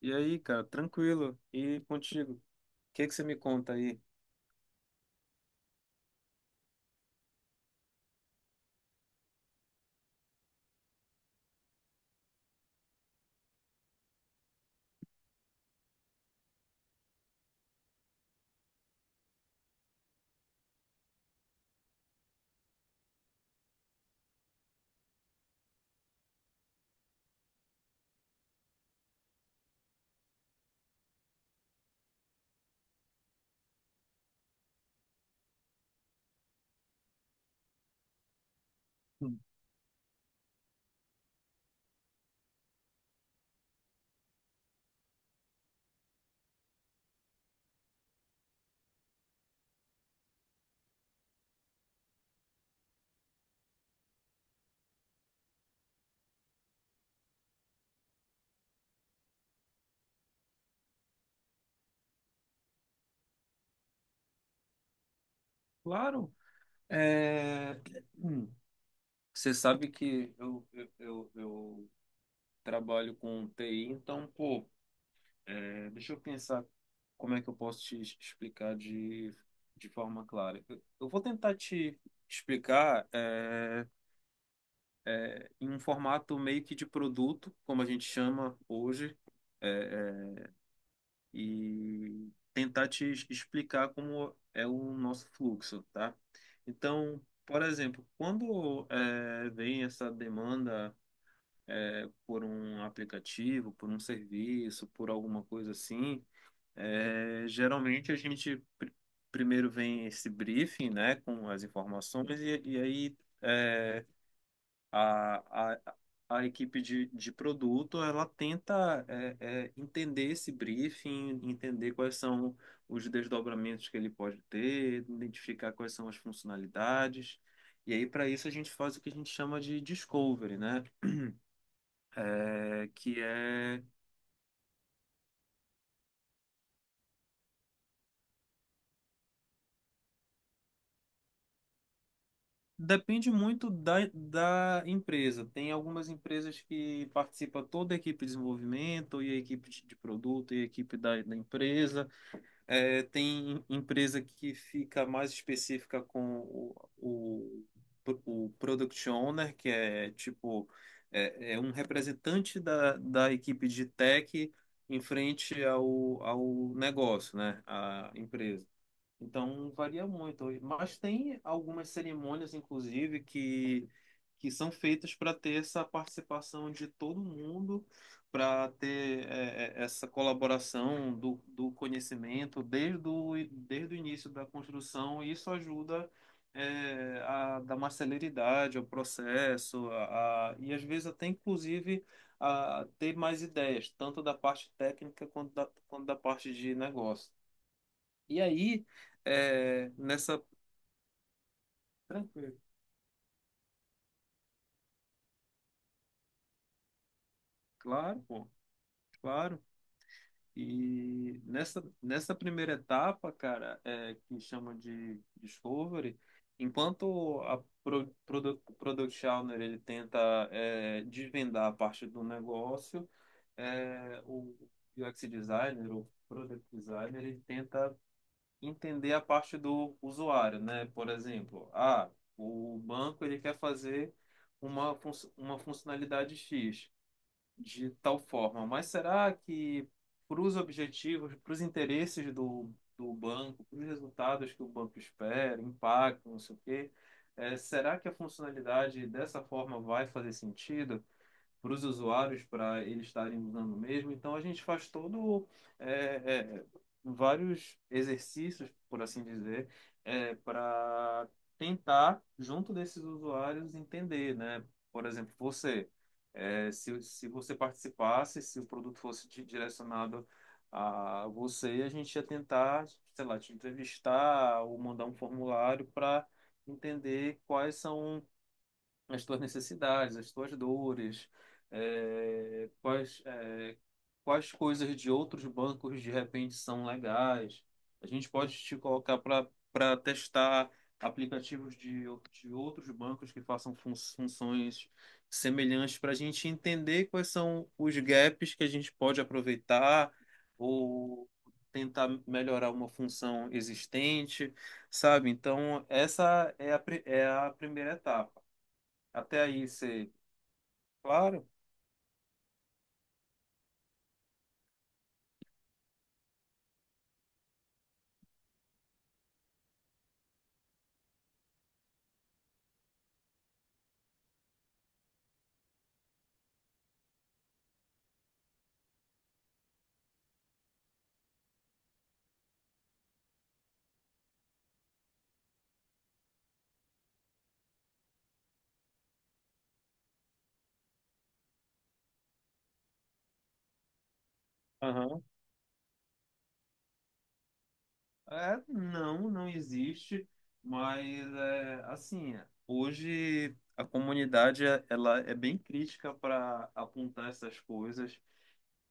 E aí, cara, tranquilo. E contigo? O que que você me conta aí? Hum. Claro, é... hum, você sabe que eu trabalho com TI, então, pô, deixa eu pensar como é que eu posso te explicar de forma clara. Eu vou tentar te explicar em um formato meio que de produto, como a gente chama hoje. é, é, e tentar te explicar como é o nosso fluxo, tá? Então, por exemplo, quando vem essa demanda por um aplicativo, por um serviço, por alguma coisa assim, geralmente a gente primeiro vem esse briefing, né, com as informações e aí eh, a, a, a equipe de produto, ela tenta entender esse briefing, entender quais são os desdobramentos que ele pode ter, identificar quais são as funcionalidades. E aí, para isso, a gente faz o que a gente chama de discovery, né? É, que é... Depende muito da empresa. Tem algumas empresas que participa toda a equipe de desenvolvimento, e a equipe de produto, e a equipe da empresa. É, tem empresa que fica mais específica com o Product Owner, que é tipo é um representante da equipe de tech em frente ao negócio, né? A empresa. Então varia muito. Mas tem algumas cerimônias, inclusive, que são feitas para ter essa participação de todo mundo, para ter essa colaboração do conhecimento desde o, desde o início da construção, e isso ajuda a dar mais celeridade ao processo, e às vezes até inclusive a ter mais ideias, tanto da parte técnica quanto da parte de negócio. E aí, é, nessa. Tranquilo. Claro, pô, claro. E nessa primeira etapa, cara, é, que chama de Discovery, enquanto a Product Owner ele tenta desvendar a parte do negócio, o UX Designer, o Product Designer, ele tenta entender a parte do usuário, né? Por exemplo, ah, o banco ele quer fazer uma funcionalidade X de tal forma, mas será que para os objetivos, para os interesses do banco, para os resultados que o banco espera, impacto, não sei o quê, será que a funcionalidade dessa forma vai fazer sentido para os usuários, para eles estarem usando mesmo? Então a gente faz todo é, é, vários exercícios, por assim dizer, para tentar, junto desses usuários, entender, né? Por exemplo, você, se você participasse, se o produto fosse direcionado a você, a gente ia tentar, sei lá, te entrevistar ou mandar um formulário para entender quais são as tuas necessidades, as tuas dores, eh, quais, eh, quais coisas de outros bancos de repente são legais. A gente pode te colocar para testar aplicativos de outros bancos que façam funções semelhantes para a gente entender quais são os gaps que a gente pode aproveitar ou tentar melhorar uma função existente, sabe? Então, essa é é a primeira etapa. Até aí você. Claro. Aham. É, não existe, mas é, assim, hoje a comunidade ela é bem crítica para apontar essas coisas.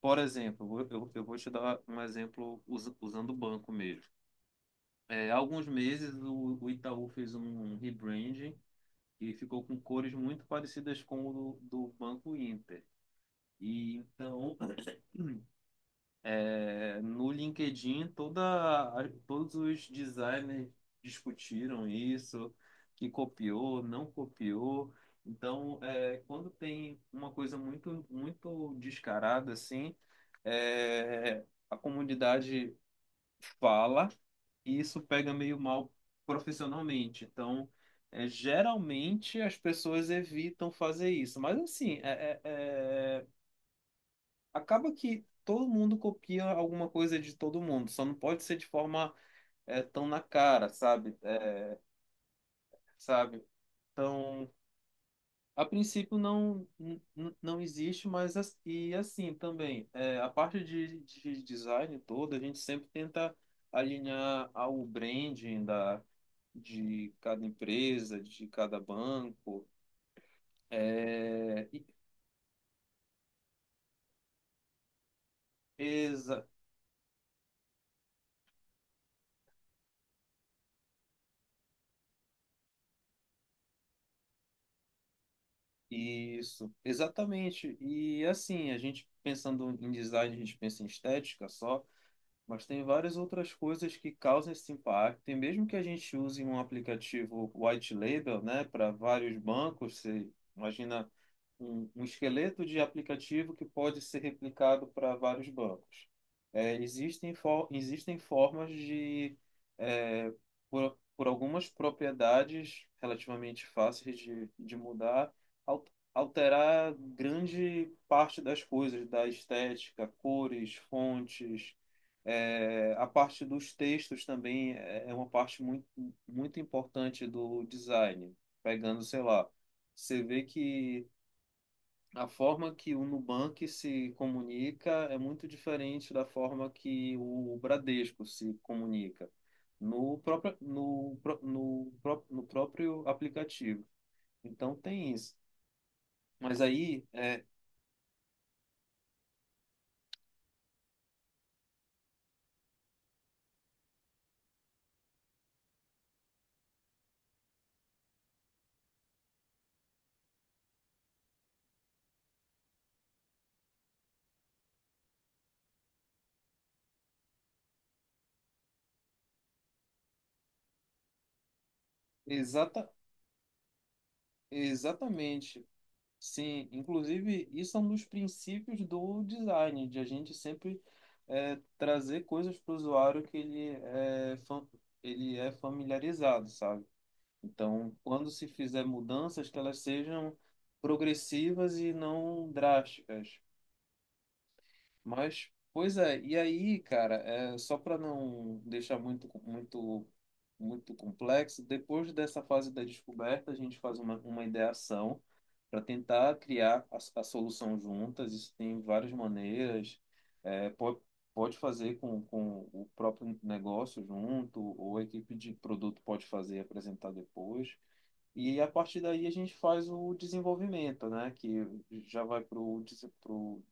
Por exemplo, eu vou te dar um exemplo usando o banco mesmo. É, há alguns meses o Itaú fez um rebranding e ficou com cores muito parecidas com o do Banco Inter. E então, é, no LinkedIn, todos os designers discutiram isso, que copiou, não copiou. Então, é, quando tem uma coisa muito, muito descarada assim, é, a comunidade fala e isso pega meio mal profissionalmente. Então, é, geralmente as pessoas evitam fazer isso. Mas assim, é, acaba que todo mundo copia alguma coisa de todo mundo, só não pode ser de forma tão na cara, sabe? É, sabe? Então, a princípio não existe, mas e assim também, é, a parte de design toda, a gente sempre tenta alinhar ao branding da de cada empresa, de cada banco, é, e- exa- isso, exatamente. E assim, a gente pensando em design, a gente pensa em estética só, mas tem várias outras coisas que causam esse impacto. E mesmo que a gente use um aplicativo white label, né, para vários bancos, você imagina um esqueleto de aplicativo que pode ser replicado para vários bancos. É, existem formas de, é, por algumas propriedades relativamente fáceis de mudar, al- alterar grande parte das coisas, da estética, cores, fontes, é, a parte dos textos também é é uma parte muito, muito importante do design. Pegando, sei lá, você vê que a forma que o Nubank se comunica é muito diferente da forma que o Bradesco se comunica no próprio, no, pró- no, pró- no próprio aplicativo. Então tem isso. Mas aí é exata, exatamente. Sim, inclusive, isso é um dos princípios do design, de a gente sempre trazer coisas para o usuário que ele é familiarizado, sabe? Então, quando se fizer mudanças, que elas sejam progressivas e não drásticas. Mas, pois é, e aí, cara, é, só para não deixar muito, muito, muito complexo, depois dessa fase da descoberta, a gente faz uma ideação para tentar criar a solução juntas. Isso tem várias maneiras. É, pode, pode fazer com o próprio negócio junto, ou a equipe de produto pode fazer e apresentar depois. E a partir daí a gente faz o desenvolvimento, né? Que já vai para o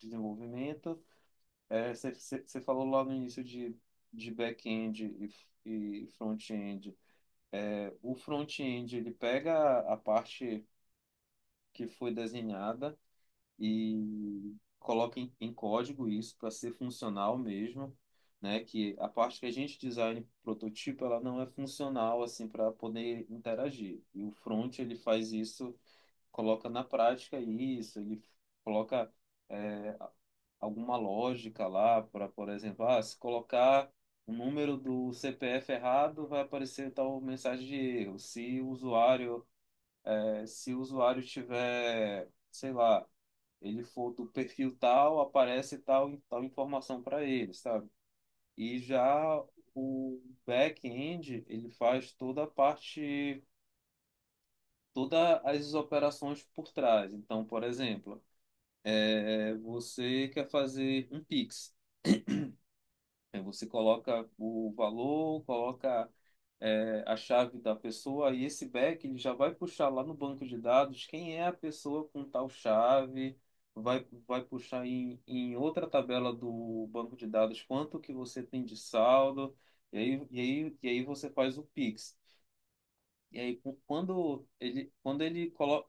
desenvolvimento. Você é, falou lá no início de back-end e front-end. É, o front-end ele pega a parte que foi desenhada e coloquem em código isso para ser funcional mesmo, né? Que a parte que a gente design prototipo, ela não é funcional assim para poder interagir. E o front ele faz isso, coloca na prática isso, ele coloca é, alguma lógica lá para, por exemplo, ah, se colocar o número do CPF errado, vai aparecer tal mensagem de erro. Se o usuário, se o usuário tiver, sei lá, ele for do perfil tal, aparece tal, tal informação para ele, sabe? E já o back-end, ele faz toda a parte, todas as operações por trás. Então, por exemplo, é, você quer fazer um Pix. É, você coloca o valor, coloca é, a chave da pessoa e esse back ele já vai puxar lá no banco de dados quem é a pessoa com tal chave, vai, vai puxar em outra tabela do banco de dados quanto que você tem de saldo, e aí você faz o Pix. E aí quando ele coloca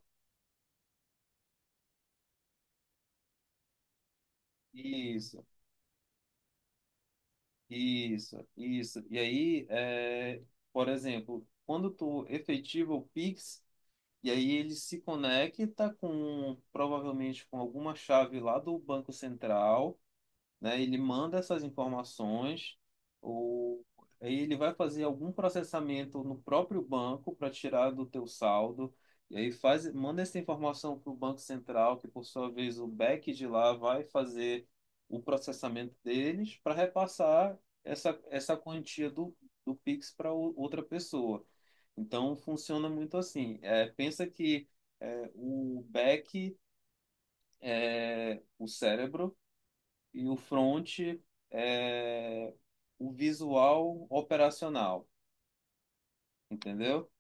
isso, isso, e aí, é, por exemplo, quando tu efetiva o Pix, e aí ele se conecta com provavelmente com alguma chave lá do Banco Central, né? Ele manda essas informações, ou aí ele vai fazer algum processamento no próprio banco para tirar do teu saldo. E aí faz, manda essa informação para o Banco Central, que por sua vez o back de lá vai fazer o processamento deles para repassar essa quantia do Pix para outra pessoa. Então funciona muito assim. É, pensa que é, o back é o cérebro e o front é o visual operacional, entendeu?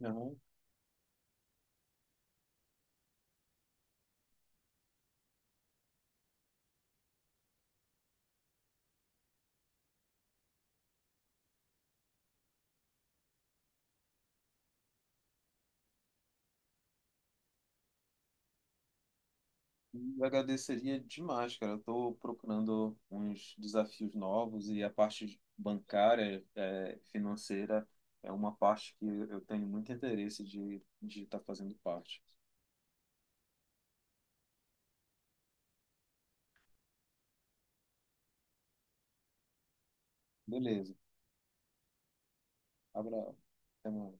Não. Eu agradeceria demais, cara. Eu estou procurando uns desafios novos e a parte bancária, é, financeira, é uma parte que eu tenho muito interesse de estar de tá fazendo parte. Beleza. Abraço. Até mais.